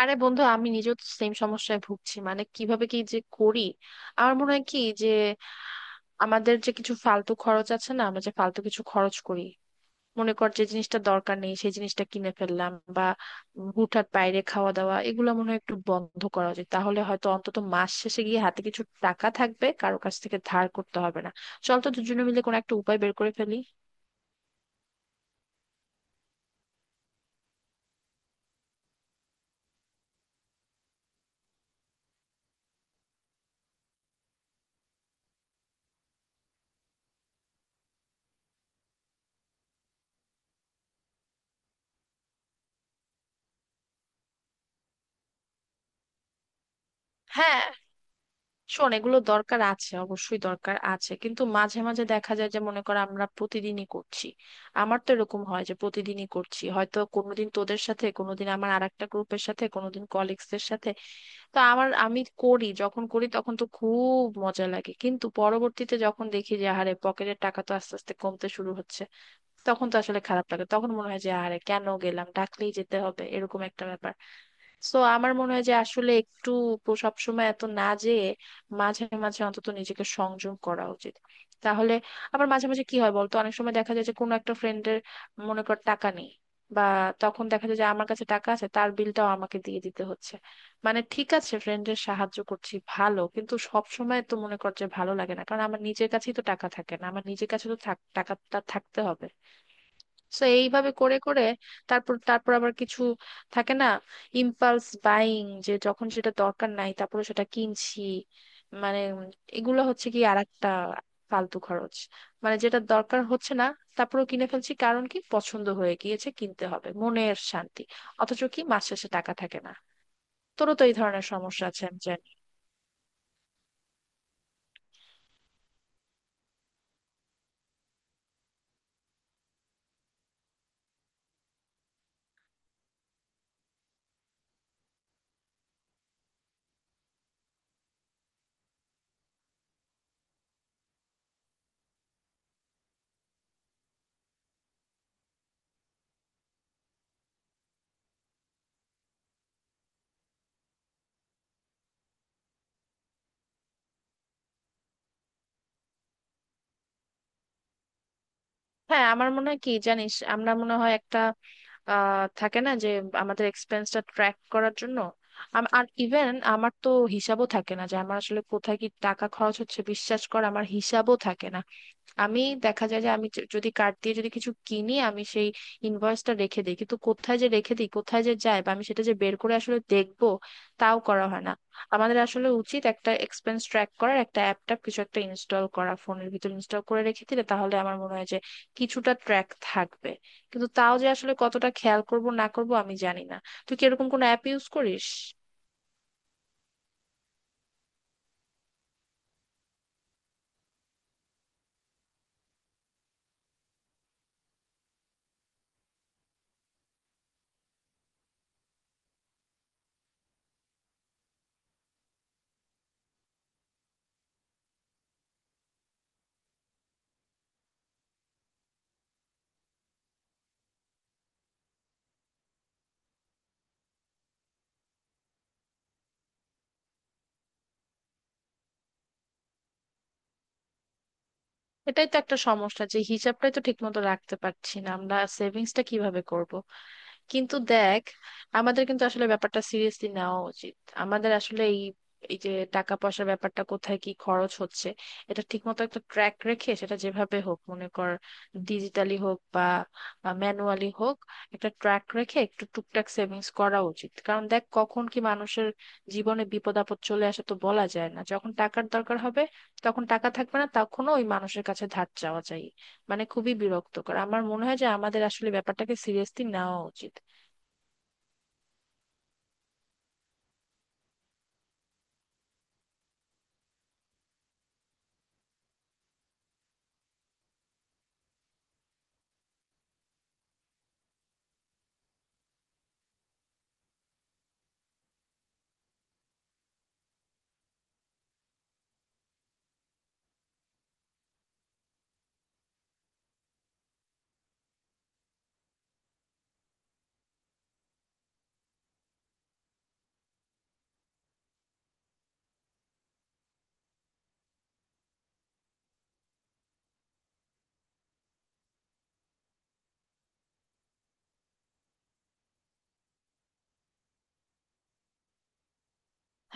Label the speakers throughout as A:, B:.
A: আরে বন্ধু, আমি নিজেও সেম সমস্যায় ভুগছি। মানে কিভাবে কি যে করি। আমার মনে হয় কি যে আমাদের যে কিছু ফালতু খরচ আছে না, আমরা যে ফালতু কিছু খরচ করি। মনে কর যে জিনিসটা দরকার নেই সেই জিনিসটা কিনে ফেললাম, বা হুটহাট বাইরে খাওয়া দাওয়া, এগুলো মনে হয় একটু বন্ধ করা উচিত। তাহলে হয়তো অন্তত মাস শেষে গিয়ে হাতে কিছু টাকা থাকবে, কারো কাছ থেকে ধার করতে হবে না। চল তো দুজনে মিলে কোনো একটা উপায় বের করে ফেলি। হ্যাঁ। শোন, এগুলো দরকার আছে, অবশ্যই দরকার আছে, কিন্তু মাঝে মাঝে দেখা যায় যে মনে করো আমরা প্রতিদিনই করছি। আমার তো এরকম হয় যে প্রতিদিনই করছি, হয়তো কোনোদিন তোদের সাথে, কোনোদিন আমার আরেকটা গ্রুপের সাথে, কোনোদিন কলিগসদের সাথে। তো আমার আমি করি, যখন করি তখন তো খুব মজা লাগে, কিন্তু পরবর্তীতে যখন দেখি যে আহারে পকেটের টাকা তো আস্তে আস্তে কমতে শুরু হচ্ছে, তখন তো আসলে খারাপ লাগে। তখন মনে হয় যে আরে কেন গেলাম, ডাকলেই যেতে হবে, এরকম একটা ব্যাপার। সো আমার মনে হয় যে আসলে একটু সবসময় এত না যেয়ে মাঝে মাঝে অন্তত নিজেকে সংযম করা উচিত। তাহলে আবার মাঝে মাঝে কি হয় বলতো, অনেক সময় দেখা যায় যে কোনো একটা ফ্রেন্ডের মনে কর টাকা নেই, বা তখন দেখা যায় যে আমার কাছে টাকা আছে, তার বিলটাও আমাকে দিয়ে দিতে হচ্ছে। মানে ঠিক আছে, ফ্রেন্ডের সাহায্য করছি, ভালো, কিন্তু সব সময় তো মনে কর যে ভালো লাগে না, কারণ আমার নিজের কাছেই তো টাকা থাকে না। আমার নিজের কাছে তো টাকাটা থাকতে হবে। তো এইভাবে করে করে তারপর তারপর আবার কিছু থাকে না। ইম্পালস বাইং, যে যখন সেটা দরকার নাই তারপর সেটা কিনছি, মানে এগুলো হচ্ছে কি আরেকটা ফালতু খরচ। মানে যেটা দরকার হচ্ছে না তারপরও কিনে ফেলছি, কারণ কি পছন্দ হয়ে গিয়েছে, কিনতে হবে, মনের শান্তি। অথচ কি মাস শেষে টাকা থাকে না। তোরও তো এই ধরনের সমস্যা আছে, আমি জানি। হ্যাঁ, আমার মনে হয় কি জানিস আমরা মনে হয় একটা থাকে না, যে আমাদের এক্সপেন্সটা ট্র্যাক করার জন্য। আর ইভেন আমার তো হিসাবও থাকে না যে আমার আসলে কোথায় কি টাকা খরচ হচ্ছে। বিশ্বাস কর আমার হিসাবও থাকে না। আমি দেখা যায় যে আমি যদি কার্ড দিয়ে যদি কিছু কিনি, আমি সেই ইনভয়েসটা রেখে দিই, কিন্তু কোথায় যে রেখে দিই কোথায় যে যায়, বা আমি সেটা যে বের করে আসলে দেখবো তাও করা হয় না। আমাদের আসলে উচিত একটা এক্সপেন্স ট্র্যাক করার একটা অ্যাপ ট্যাপ কিছু একটা ইনস্টল করা, ফোনের ভিতর ইনস্টল করে রেখে দিলে তাহলে আমার মনে হয় যে কিছুটা ট্র্যাক থাকবে। কিন্তু তাও যে আসলে কতটা খেয়াল করব না করব আমি জানি না। তুই কি এরকম কোনো অ্যাপ ইউজ করিস? এটাই তো একটা সমস্যা, যে হিসাবটাই তো ঠিক মতো রাখতে পারছি না, আমরা সেভিংসটা কিভাবে করব? কিন্তু দেখ, আমাদের কিন্তু আসলে ব্যাপারটা সিরিয়াসলি নেওয়া উচিত। আমাদের আসলে এই এই যে টাকা পয়সার ব্যাপারটা কোথায় কি খরচ হচ্ছে, এটা ঠিকমতো একটা ট্র্যাক রেখে সেটা যেভাবে হোক, মনে কর ডিজিটালি হোক বা ম্যানুয়ালি হোক, একটা ট্র্যাক রেখে একটু টুকটাক সেভিংস করা উচিত। কারণ দেখ, কখন কি মানুষের জীবনে বিপদ আপদ চলে আসে তো বলা যায় না, যখন টাকার দরকার হবে তখন টাকা থাকবে না, তখনও ওই মানুষের কাছে ধার চাওয়া চাই, মানে খুবই বিরক্তকর। আমার মনে হয় যে আমাদের আসলে ব্যাপারটাকে সিরিয়াসলি নেওয়া উচিত।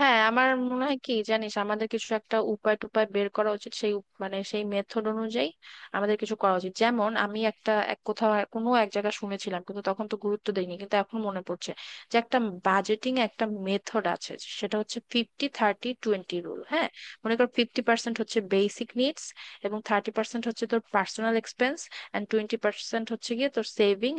A: হ্যাঁ, আমার মনে হয় কি জানিস আমাদের কিছু একটা উপায় টুপায় বের করা উচিত, সেই মানে সেই মেথড অনুযায়ী আমাদের কিছু করা উচিত। যেমন আমি একটা এক কোথাও কোনো এক জায়গায় শুনেছিলাম কিন্তু তখন তো গুরুত্ব দেইনি, কিন্তু এখন মনে পড়ছে যে একটা বাজেটিং একটা মেথড আছে, সেটা হচ্ছে ফিফটি থার্টি টোয়েন্টি রুল। হ্যাঁ, মনে কর 50% হচ্ছে বেসিক নিডস, এবং 30% হচ্ছে তোর পার্সোনাল এক্সপেন্স, অ্যান্ড 20% হচ্ছে গিয়ে তোর সেভিং।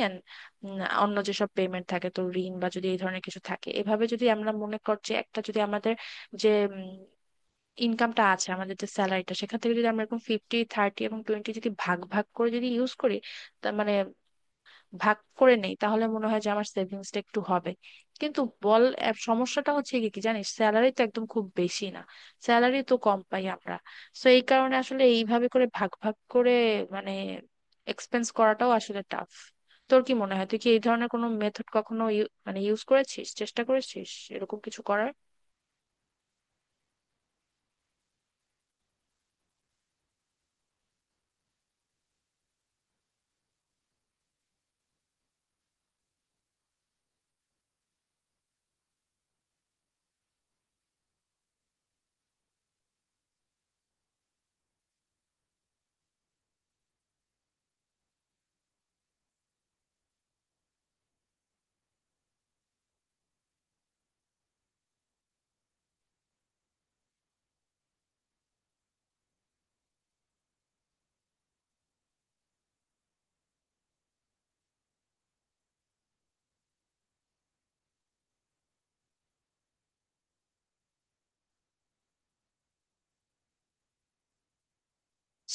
A: উম, অন্য যেসব পেমেন্ট থাকে, তো ঋণ বা যদি এই ধরনের কিছু থাকে, এভাবে যদি আমরা মনে কর যে একটা যদি আমাদের যে ইনকামটা আছে, আমাদের যে স্যালারিটা, সেখান থেকে যদি আমরা এরকম ফিফটি থার্টি এবং টোয়েন্টি যদি ভাগ ভাগ করে যদি ইউজ করি, তা মানে ভাগ করে নেই, তাহলে মনে হয় যে আমার সেভিংসটা একটু হবে। কিন্তু বল সমস্যাটা হচ্ছে কি কি জানিস, স্যালারি তো একদম খুব বেশি না, স্যালারি তো কম পাই আমরা। তো এই কারণে আসলে এইভাবে করে ভাগ ভাগ করে মানে এক্সপেন্স করাটাও আসলে টাফ। তোর কি মনে হয়, তুই কি এই ধরনের কোনো মেথড কখনো মানে ইউজ করেছিস, চেষ্টা করেছিস এরকম কিছু করার?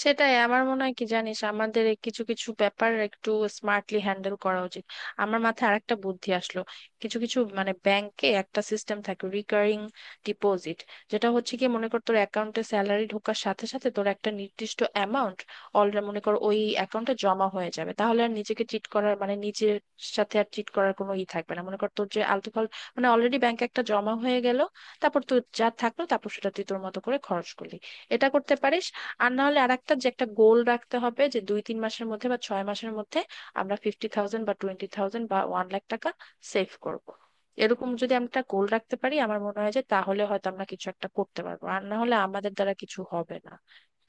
A: সেটাই, আমার মনে হয় কি জানিস আমাদের এই কিছু কিছু ব্যাপার একটু স্মার্টলি হ্যান্ডেল করা উচিত। আমার মাথায় আরেকটা বুদ্ধি আসলো। কিছু কিছু মানে ব্যাংকে একটা সিস্টেম থাকে, রিকারিং ডিপোজিট, যেটা হচ্ছে কি মনে কর তোর অ্যাকাউন্টে স্যালারি ঢোকার সাথে সাথে তোর একটা নির্দিষ্ট অ্যামাউন্ট অলরেডি মনে কর ওই অ্যাকাউন্টে জমা হয়ে যাবে, তাহলে আর নিজেকে চিট করার মানে নিজের সাথে আর চিট করার কোনো ই থাকবে না। মনে কর তোর যে আলতু ফাল মানে অলরেডি ব্যাংকে একটা জমা হয়ে গেল, তারপর তোর যা থাকলো তারপর সেটা তুই তোর মতো করে খরচ করলি। এটা করতে পারিস। আর না হলে আরেকটা, যে একটা গোল রাখতে হবে, যে 2-3 মাসের মধ্যে বা 6 মাসের মধ্যে আমরা 50,000 বা 20,000 বা 1,00,000 টাকা সেভ করব। এরকম যদি আমরা একটা গোল রাখতে পারি, আমার মনে হয় যে তাহলে হয়তো আমরা কিছু একটা করতে পারবো, আর না হলে আমাদের দ্বারা কিছু হবে না।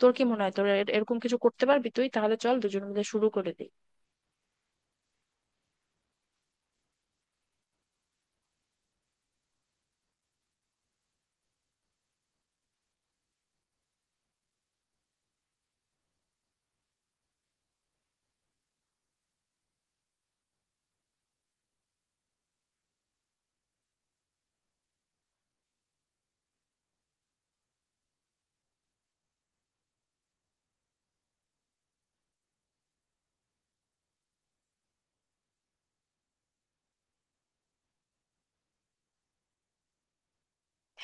A: তোর কি মনে হয়, তোর এরকম কিছু করতে পারবি তুই? তাহলে চল দুজন মিলে শুরু করে দিই।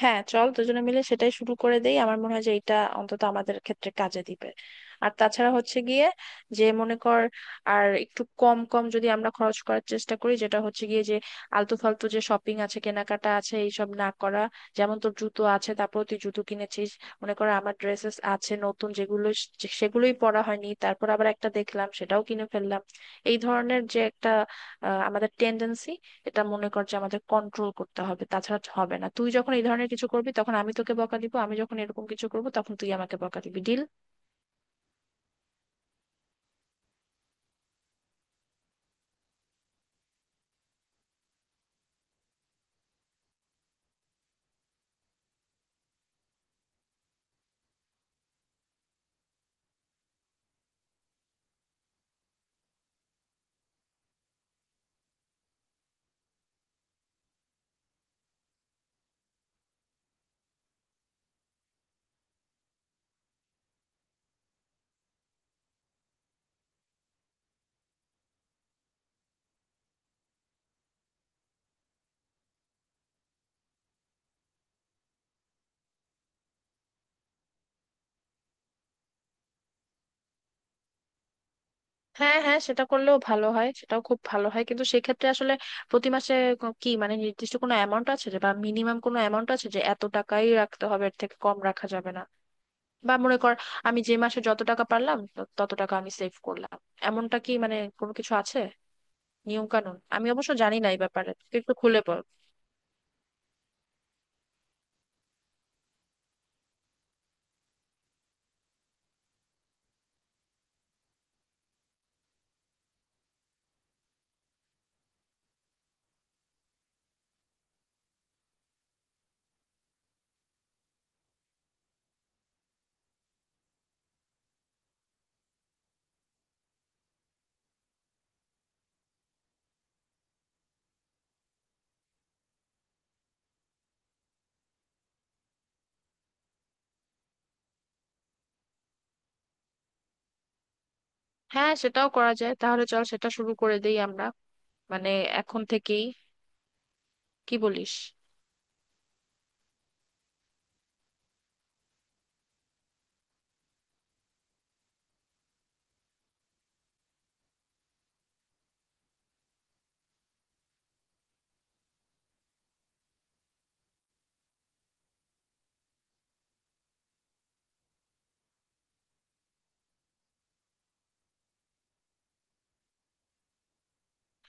A: হ্যাঁ চল, দুজনে মিলে সেটাই শুরু করে দেই। আমার মনে হয় যে এটা অন্তত আমাদের ক্ষেত্রে কাজে দিবে। আর তাছাড়া হচ্ছে গিয়ে যে মনে কর আর একটু কম কম যদি আমরা খরচ করার চেষ্টা করি, যেটা হচ্ছে গিয়ে যে আলতু ফালতু যে শপিং আছে কেনাকাটা আছে এইসব না করা। যেমন তোর জুতো আছে তারপর তুই জুতো কিনেছিস, মনে কর আমার ড্রেসেস আছে নতুন যেগুলো সেগুলোই পরা হয়নি, তারপর আবার একটা দেখলাম সেটাও কিনে ফেললাম। এই ধরনের যে একটা আমাদের টেন্ডেন্সি, এটা মনে কর যে আমাদের কন্ট্রোল করতে হবে, তাছাড়া হবে না। তুই যখন এই ধরনের কিছু করবি তখন আমি তোকে বকা দিব, আমি যখন এরকম কিছু করব তখন তুই আমাকে বকা দিবি, ডিল? হ্যাঁ হ্যাঁ, সেটা করলেও ভালো হয়, সেটাও খুব ভালো হয়, কিন্তু সেক্ষেত্রে আসলে প্রতি মাসে কি মানে নির্দিষ্ট কোনো অ্যামাউন্ট আছে যে, বা মিনিমাম কোনো অ্যামাউন্ট আছে যে এত টাকাই রাখতে হবে, এর থেকে কম রাখা যাবে না? বা মনে কর আমি যে মাসে যত টাকা পারলাম তত টাকা আমি সেভ করলাম, এমনটা কি মানে কোনো কিছু আছে নিয়ম কানুন? আমি অবশ্য জানি না এই ব্যাপারে, তুই একটু খুলে বল। হ্যাঁ সেটাও করা যায়, তাহলে চল সেটা শুরু করে দেই আমরা, মানে এখন থেকেই, কি বলিস?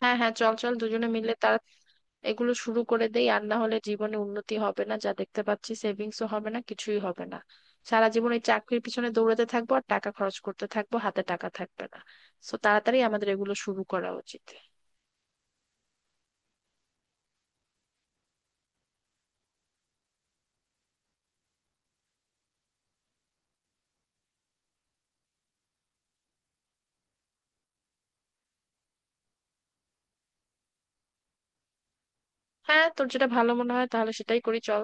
A: হ্যাঁ হ্যাঁ চল চল, দুজনে মিলে তার এগুলো শুরু করে দেই, আর না হলে জীবনে উন্নতি হবে না, যা দেখতে পাচ্ছি সেভিংসও হবে না, কিছুই হবে না। সারা জীবন এই চাকরির পিছনে দৌড়াতে থাকবো আর টাকা খরচ করতে থাকবো, হাতে টাকা থাকবে না। সো তাড়াতাড়ি আমাদের এগুলো শুরু করা উচিত। হ্যাঁ, তোর যেটা ভালো মনে হয় তাহলে সেটাই করি, চল।